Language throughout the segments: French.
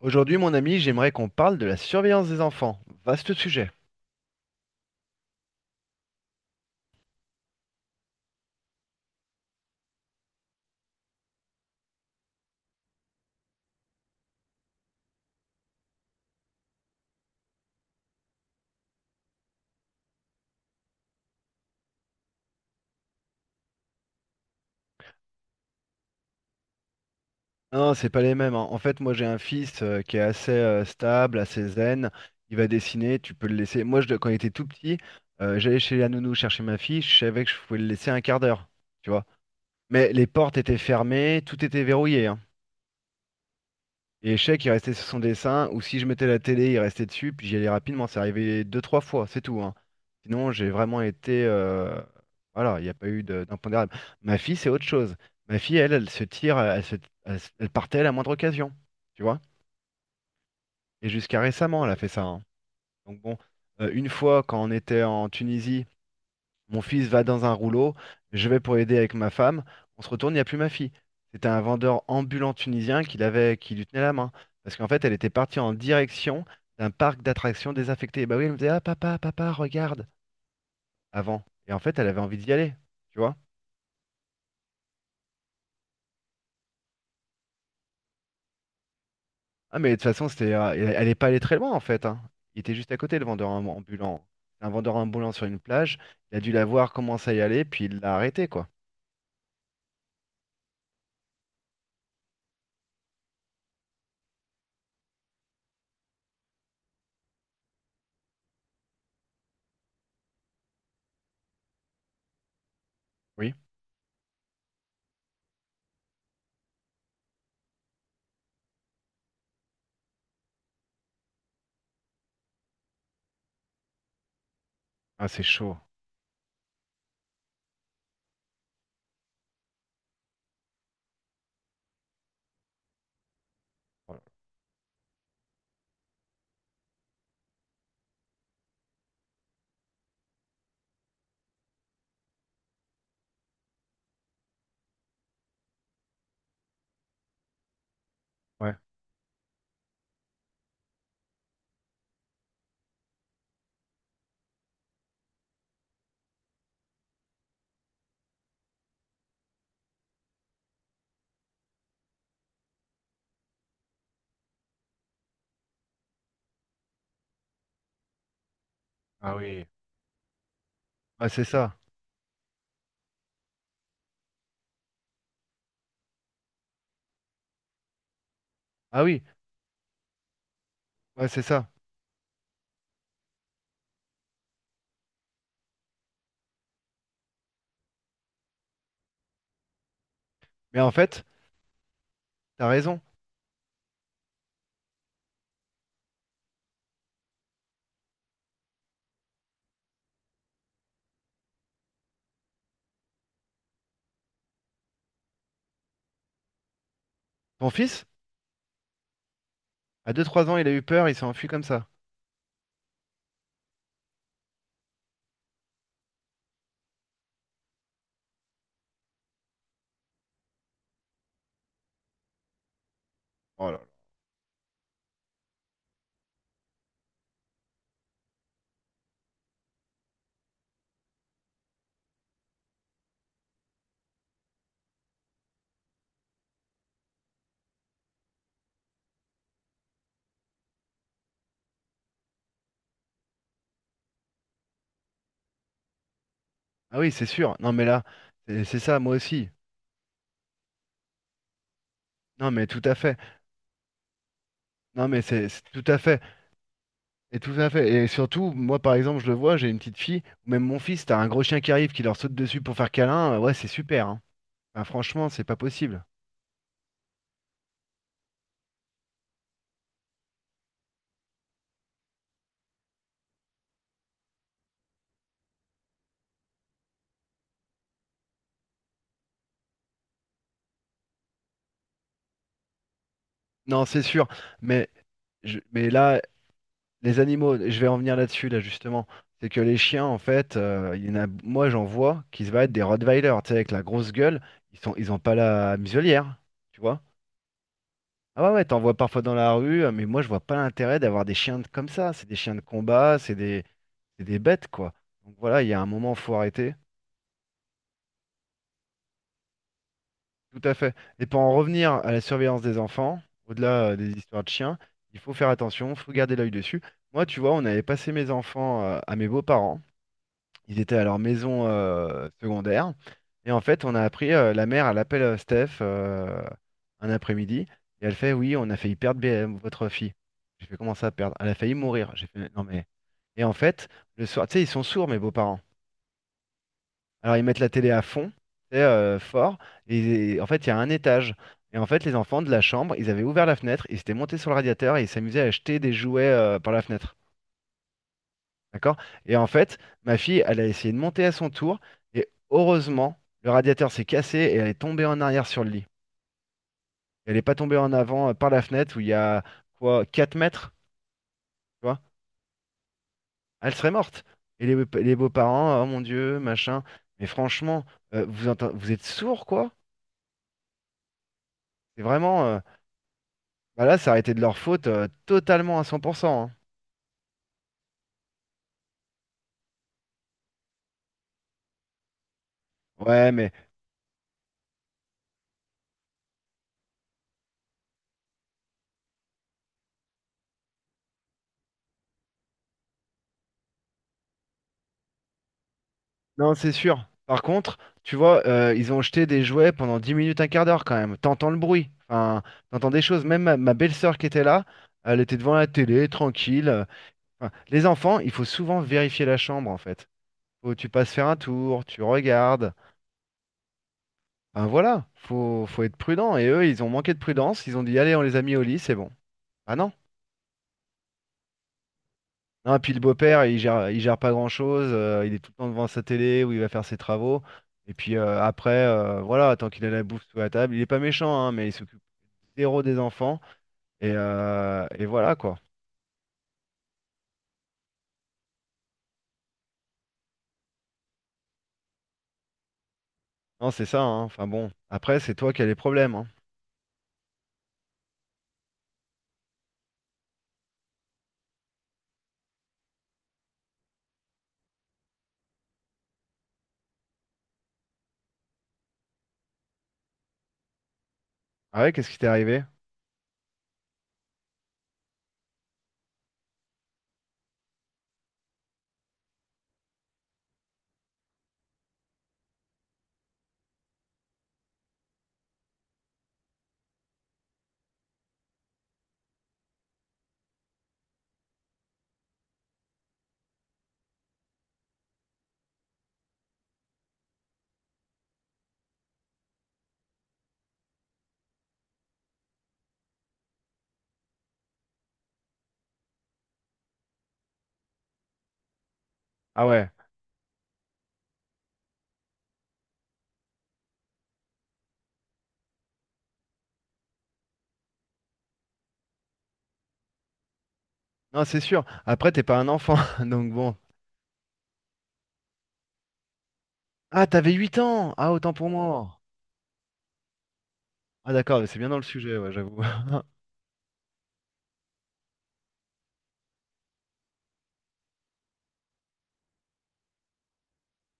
Aujourd'hui, mon ami, j'aimerais qu'on parle de la surveillance des enfants. Vaste sujet. Non, c'est pas les mêmes, hein. En fait, moi, j'ai un fils qui est assez stable, assez zen. Il va dessiner, tu peux le laisser. Moi, quand il était tout petit, j'allais chez la nounou chercher ma fille. Je savais que je pouvais le laisser un quart d'heure, tu vois. Mais les portes étaient fermées, tout était verrouillé, hein. Et Échec, il restait sur son dessin, ou si je mettais la télé, il restait dessus, puis j'y allais rapidement. C'est arrivé deux, trois fois, c'est tout, hein. Sinon, j'ai vraiment été. Voilà, il n'y a pas eu d'impondérable. Ma fille, c'est autre chose. Ma fille, elle se tire, elle partait à la moindre occasion, tu vois. Et jusqu'à récemment, elle a fait ça, hein. Donc bon, une fois, quand on était en Tunisie, mon fils va dans un rouleau, je vais pour aider avec ma femme. On se retourne, il n'y a plus ma fille. C'était un vendeur ambulant tunisien qui qui lui tenait la main. Parce qu'en fait, elle était partie en direction d'un parc d'attractions désaffecté. Et bah oui, elle me disait, « Ah papa, papa, regarde », avant. Et en fait, elle avait envie d'y aller, tu vois. Ah mais de toute façon, elle est pas allée très loin en fait, hein. Il était juste à côté, le vendeur ambulant. C'est un vendeur ambulant sur une plage, il a dû la voir commencer à y aller, puis il l'a arrêté, quoi. Oui. Ah c'est chaud. Oh là- Ouais. Ah oui. Ah c'est ça. Ah oui. Ouais, c'est ça. Mais en fait, t'as raison. Ton fils, à deux trois ans, il a eu peur, il s'est enfui comme ça. Oh là là. Ah oui, c'est sûr. Non, mais là, c'est ça, moi aussi. Non, mais tout à fait. Non, mais c'est tout à fait. Et tout à fait. Et surtout, moi, par exemple, je le vois, j'ai une petite fille, ou même mon fils, t'as un gros chien qui arrive, qui leur saute dessus pour faire câlin. Ouais, c'est super, hein. Enfin, franchement, c'est pas possible. Non, c'est sûr. Mais, là, les animaux, je vais en venir là-dessus, là, justement. C'est que les chiens, en fait, il y en a, moi, j'en vois qui se battent, des Rottweiler, tu sais, avec la grosse gueule. Ils ont pas la muselière, tu vois. Ah ouais, ouais, t'en vois parfois dans la rue, mais moi, je vois pas l'intérêt d'avoir des comme ça. C'est des chiens de combat, c'est des bêtes, quoi. Donc voilà, il y a un moment, faut arrêter. Tout à fait. Et pour en revenir à la surveillance des enfants, au-delà, des histoires de chiens, il faut faire attention, faut garder l'œil dessus. Moi, tu vois, on avait passé mes enfants, à mes beaux-parents. Ils étaient à leur maison secondaire. Et en fait, on a appris, la mère, elle appelle Steph, un après-midi. Et elle fait, oui, on a failli perdre BM, votre fille. J'ai fait, comment ça, perdre? Elle a failli mourir. J'ai fait, non mais... Et en fait, le soir, tu sais, ils sont sourds, mes beaux-parents. Alors, ils mettent la télé à fond, tu sais, fort. Et en fait, il y a un étage. Et en fait, les enfants de la chambre, ils avaient ouvert la fenêtre, ils s'étaient montés sur le radiateur et ils s'amusaient à jeter des jouets par la fenêtre. D'accord? Et en fait, ma fille, elle a essayé de monter à son tour, et heureusement, le radiateur s'est cassé et elle est tombée en arrière sur le lit. Elle n'est pas tombée en avant par la fenêtre où il y a quoi, 4 mètres, tu vois? Elle serait morte. Et les beaux-parents, oh mon Dieu, machin. Mais franchement, vous êtes sourds, quoi? C'est vraiment. Bah là, ça a été de leur faute totalement à 100%, hein. Ouais, mais non, c'est sûr. Par contre, tu vois, ils ont jeté des jouets pendant 10 minutes, un quart d'heure quand même. T'entends le bruit. Enfin, t'entends des choses. Même ma belle-sœur qui était là, elle était devant la télé, tranquille. Enfin, les enfants, il faut souvent vérifier la chambre en fait. Faut, tu passes faire un tour, tu regardes. Enfin voilà, faut être prudent. Et eux, ils ont manqué de prudence. Ils ont dit, allez, on les a mis au lit, c'est bon. Ah non. Non, et puis le beau-père, il gère pas grand-chose, il est tout le temps devant sa télé où il va faire ses travaux. Et puis voilà, tant qu'il a la bouffe sous la table, il est pas méchant, hein, mais il s'occupe zéro des enfants. Et voilà quoi. Non, c'est ça, hein. Enfin bon, après, c'est toi qui as les problèmes, hein. Ah ouais, qu'est-ce qui t'est arrivé? Ah ouais, non, c'est sûr. Après, t'es pas un enfant, donc bon. Ah, t'avais 8 ans! Ah, autant pour moi. Ah d'accord, mais c'est bien dans le sujet, ouais, j'avoue.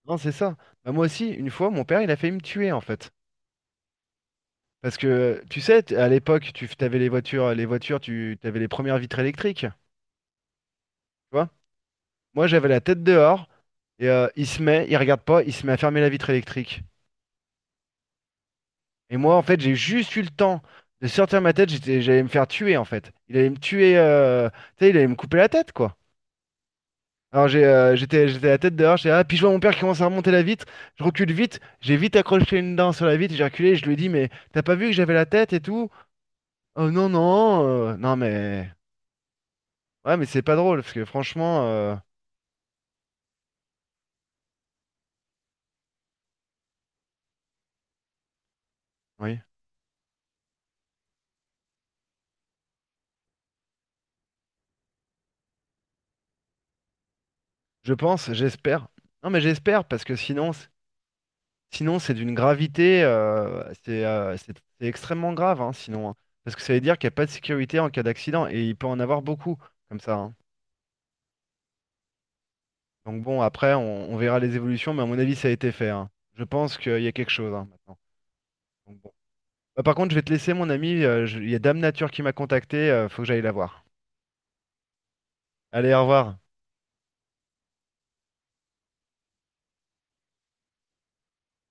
Non, c'est ça. Bah, moi aussi, une fois, mon père, il a failli me tuer en fait. Parce que tu sais, à l'époque, tu avais les voitures, tu avais les premières vitres électriques, tu vois. Moi, j'avais la tête dehors et il se met, il regarde pas, il se met à fermer la vitre électrique. Et moi, en fait, j'ai juste eu le temps de sortir ma tête, j'allais me faire tuer en fait. Il allait me tuer, tu sais, il allait me couper la tête quoi. Alors j'étais la tête dehors, j'ai ah, puis je vois mon père qui commence à remonter la vitre, je recule vite, j'ai vite accroché une dent sur la vitre, j'ai reculé, et je lui ai dit mais t'as pas vu que j'avais la tête et tout? Oh non non, non mais. Ouais, mais c'est pas drôle, parce que franchement, oui, je pense, j'espère. Non, mais j'espère, parce que sinon c'est d'une c'est extrêmement grave, hein, sinon, hein. Parce que ça veut dire qu'il n'y a pas de sécurité en cas d'accident, et il peut en avoir beaucoup, comme ça, hein. Donc bon, après, on verra les évolutions, mais à mon avis, ça a été fait, hein. Je pense qu'il y a quelque chose, hein, maintenant. Donc bon. Bah, par contre, je vais te laisser, mon ami, il y a Dame Nature qui m'a contacté, faut que j'aille la voir. Allez, au revoir.